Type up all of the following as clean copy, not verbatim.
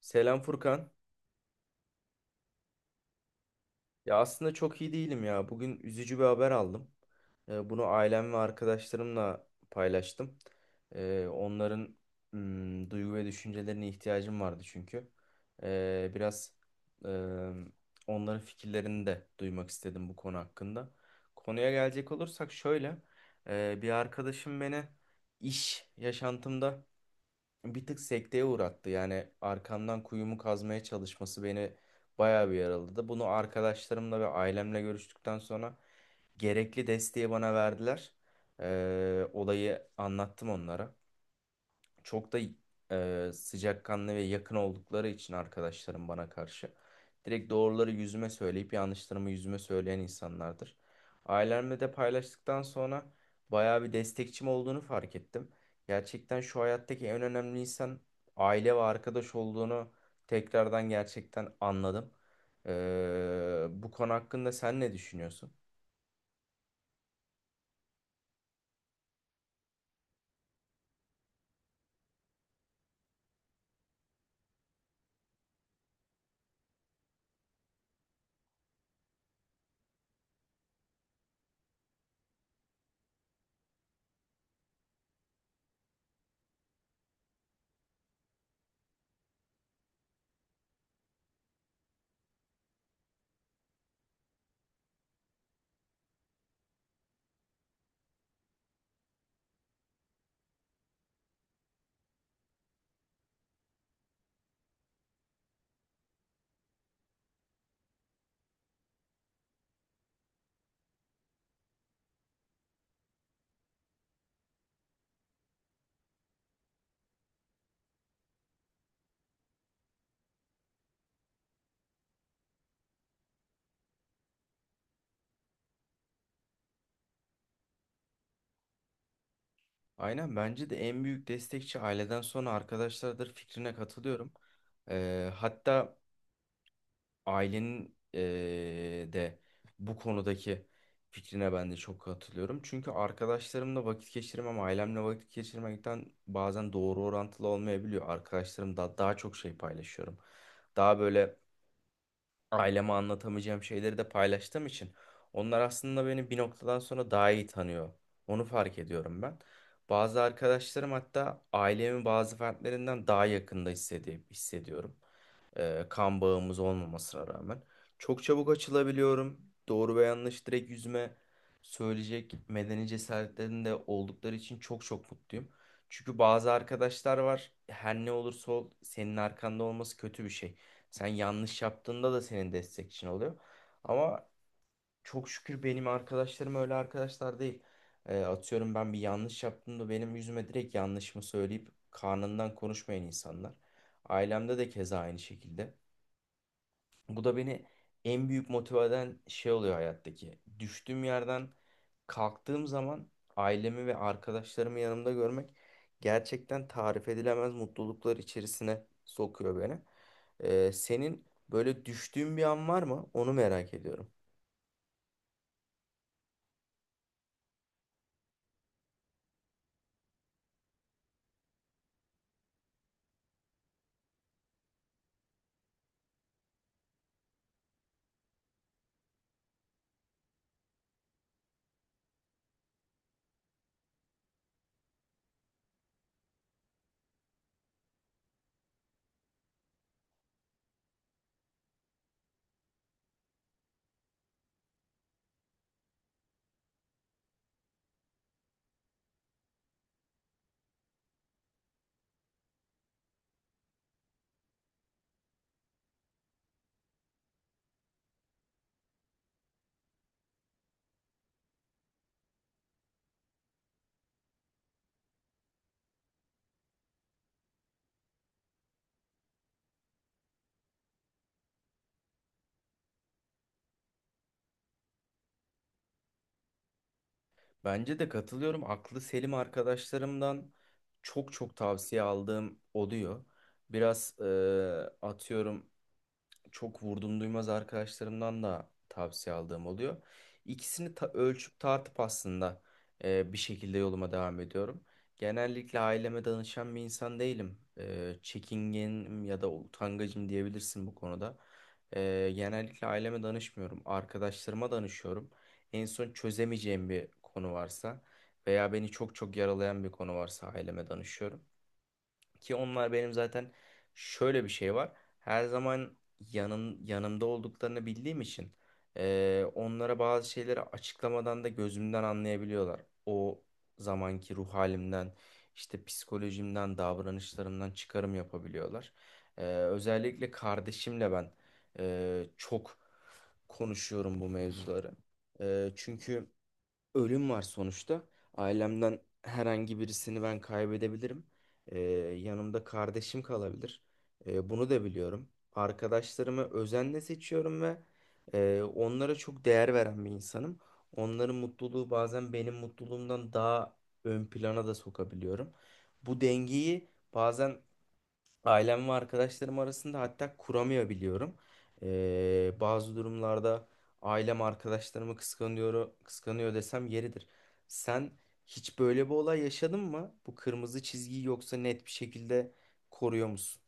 Selam Furkan. Ya aslında çok iyi değilim ya. Bugün üzücü bir haber aldım. Bunu ailem ve arkadaşlarımla paylaştım. Onların duygu ve düşüncelerine ihtiyacım vardı çünkü. Biraz e, onların fikirlerini de duymak istedim bu konu hakkında. Konuya gelecek olursak şöyle. Bir arkadaşım beni iş yaşantımda bir tık sekteye uğrattı. Yani arkamdan kuyumu kazmaya çalışması beni bayağı bir yaraladı. Bunu arkadaşlarımla ve ailemle görüştükten sonra gerekli desteği bana verdiler. Olayı anlattım onlara çok da sıcakkanlı ve yakın oldukları için arkadaşlarım bana karşı direkt doğruları yüzüme söyleyip yanlışlarımı yüzüme söyleyen insanlardır. Ailemle de paylaştıktan sonra bayağı bir destekçim olduğunu fark ettim. Gerçekten şu hayattaki en önemli insan aile ve arkadaş olduğunu tekrardan gerçekten anladım. Bu konu hakkında sen ne düşünüyorsun? Aynen, bence de en büyük destekçi aileden sonra arkadaşlardır fikrine katılıyorum. Hatta ailenin de bu konudaki fikrine ben de çok katılıyorum. Çünkü arkadaşlarımla vakit geçirmem, ailemle vakit geçirmekten bazen doğru orantılı olmayabiliyor. Arkadaşlarım da daha çok şey paylaşıyorum. Daha böyle aileme anlatamayacağım şeyleri de paylaştığım için onlar aslında beni bir noktadan sonra daha iyi tanıyor. Onu fark ediyorum ben. Bazı arkadaşlarım hatta ailemin bazı fertlerinden daha yakında hissediyorum, kan bağımız olmamasına rağmen. Çok çabuk açılabiliyorum. Doğru ve yanlış direkt yüzüme söyleyecek medeni cesaretlerinde oldukları için çok çok mutluyum. Çünkü bazı arkadaşlar var. Her ne olursa ol senin arkanda olması kötü bir şey. Sen yanlış yaptığında da senin destekçin oluyor. Ama çok şükür benim arkadaşlarım öyle arkadaşlar değil. Atıyorum, ben bir yanlış yaptığımda benim yüzüme direkt yanlışımı söyleyip karnından konuşmayan insanlar. Ailemde de keza aynı şekilde. Bu da beni en büyük motive eden şey oluyor hayattaki. Düştüğüm yerden kalktığım zaman ailemi ve arkadaşlarımı yanımda görmek gerçekten tarif edilemez mutluluklar içerisine sokuyor beni. Senin böyle düştüğün bir an var mı? Onu merak ediyorum. Bence de katılıyorum. Aklı selim arkadaşlarımdan çok çok tavsiye aldığım oluyor. Biraz atıyorum, çok vurdum duymaz arkadaşlarımdan da tavsiye aldığım oluyor. İkisini ölçüp tartıp aslında bir şekilde yoluma devam ediyorum. Genellikle aileme danışan bir insan değilim. Çekingenim ya da utangacım diyebilirsin bu konuda. Genellikle aileme danışmıyorum. Arkadaşlarıma danışıyorum. En son çözemeyeceğim bir konu varsa veya beni çok çok yaralayan bir konu varsa aileme danışıyorum. Ki onlar benim zaten şöyle bir şey var. Her zaman yanımda olduklarını bildiğim için onlara bazı şeyleri açıklamadan da gözümden anlayabiliyorlar. O zamanki ruh halimden, işte psikolojimden, davranışlarımdan çıkarım yapabiliyorlar. Özellikle kardeşimle ben çok konuşuyorum bu mevzuları. Çünkü ölüm var sonuçta. Ailemden herhangi birisini ben kaybedebilirim. Ee, Yanımda kardeşim kalabilir. Bunu da biliyorum. Arkadaşlarımı özenle seçiyorum ve onlara çok değer veren bir insanım. Onların mutluluğu bazen benim mutluluğumdan daha ön plana da sokabiliyorum. Bu dengeyi bazen ailem ve arkadaşlarım arasında hatta kuramıyor biliyorum. Bazı durumlarda ailem arkadaşlarımı kıskanıyor, kıskanıyor desem yeridir. Sen hiç böyle bir olay yaşadın mı? Bu kırmızı çizgiyi yoksa net bir şekilde koruyor musun?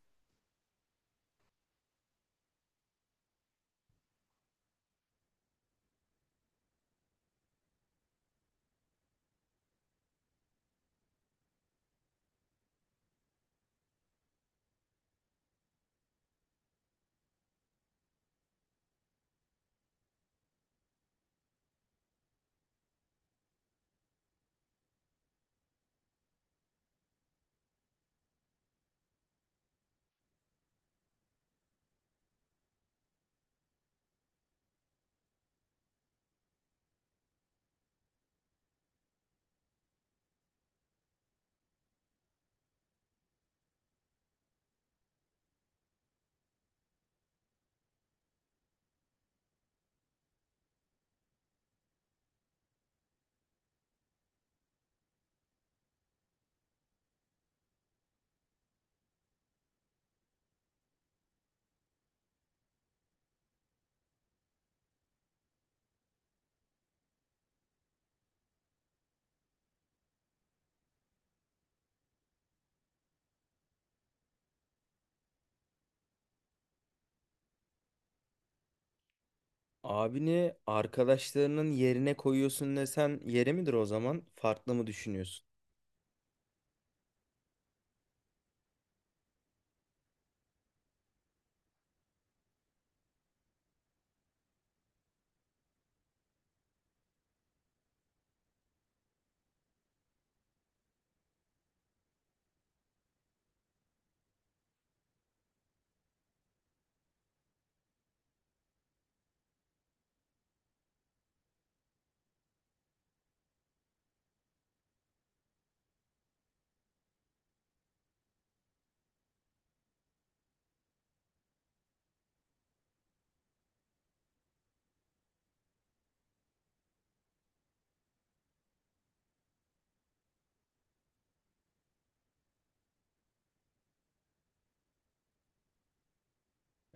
Abini arkadaşlarının yerine koyuyorsun desen yeri midir o zaman? Farklı mı düşünüyorsun?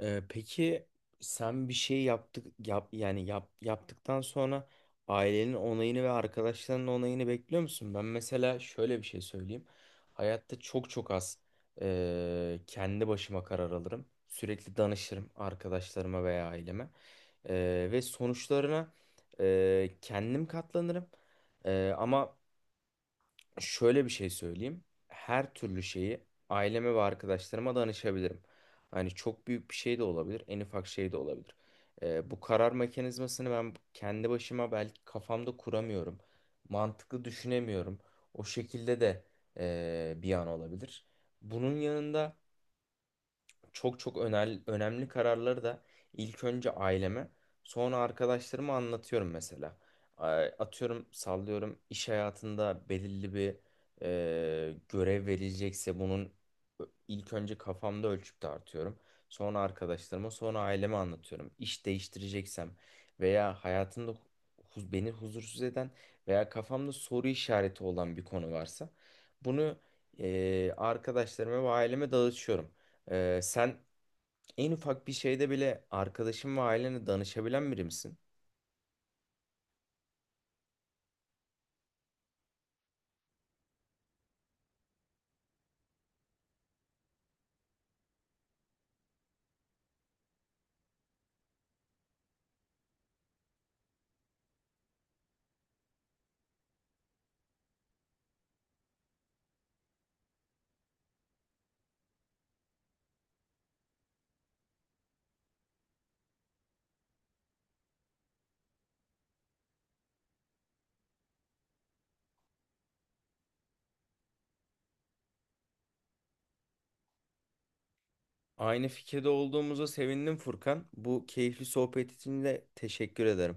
Peki, sen bir şey yaptıktan sonra ailenin onayını ve arkadaşlarının onayını bekliyor musun? Ben mesela şöyle bir şey söyleyeyim. Hayatta çok çok az kendi başıma karar alırım. Sürekli danışırım arkadaşlarıma veya aileme. Ve sonuçlarına kendim katlanırım. Ama şöyle bir şey söyleyeyim. Her türlü şeyi aileme ve arkadaşlarıma danışabilirim. Hani çok büyük bir şey de olabilir, en ufak şey de olabilir. Bu karar mekanizmasını ben kendi başıma belki kafamda kuramıyorum. Mantıklı düşünemiyorum. O şekilde de bir an olabilir. Bunun yanında çok çok önemli, önemli kararları da ilk önce aileme, sonra arkadaşlarıma anlatıyorum mesela. A- Atıyorum, sallıyorum, iş hayatında belirli bir görev verilecekse bunun ilk önce kafamda ölçüp tartıyorum. Sonra arkadaşlarıma, sonra aileme anlatıyorum. İş değiştireceksem veya hayatımda beni huzursuz eden veya kafamda soru işareti olan bir konu varsa bunu arkadaşlarıma ve aileme dağıtıyorum. Sen en ufak bir şeyde bile arkadaşın ve ailene danışabilen biri misin? Aynı fikirde olduğumuza sevindim Furkan. Bu keyifli sohbet için de teşekkür ederim.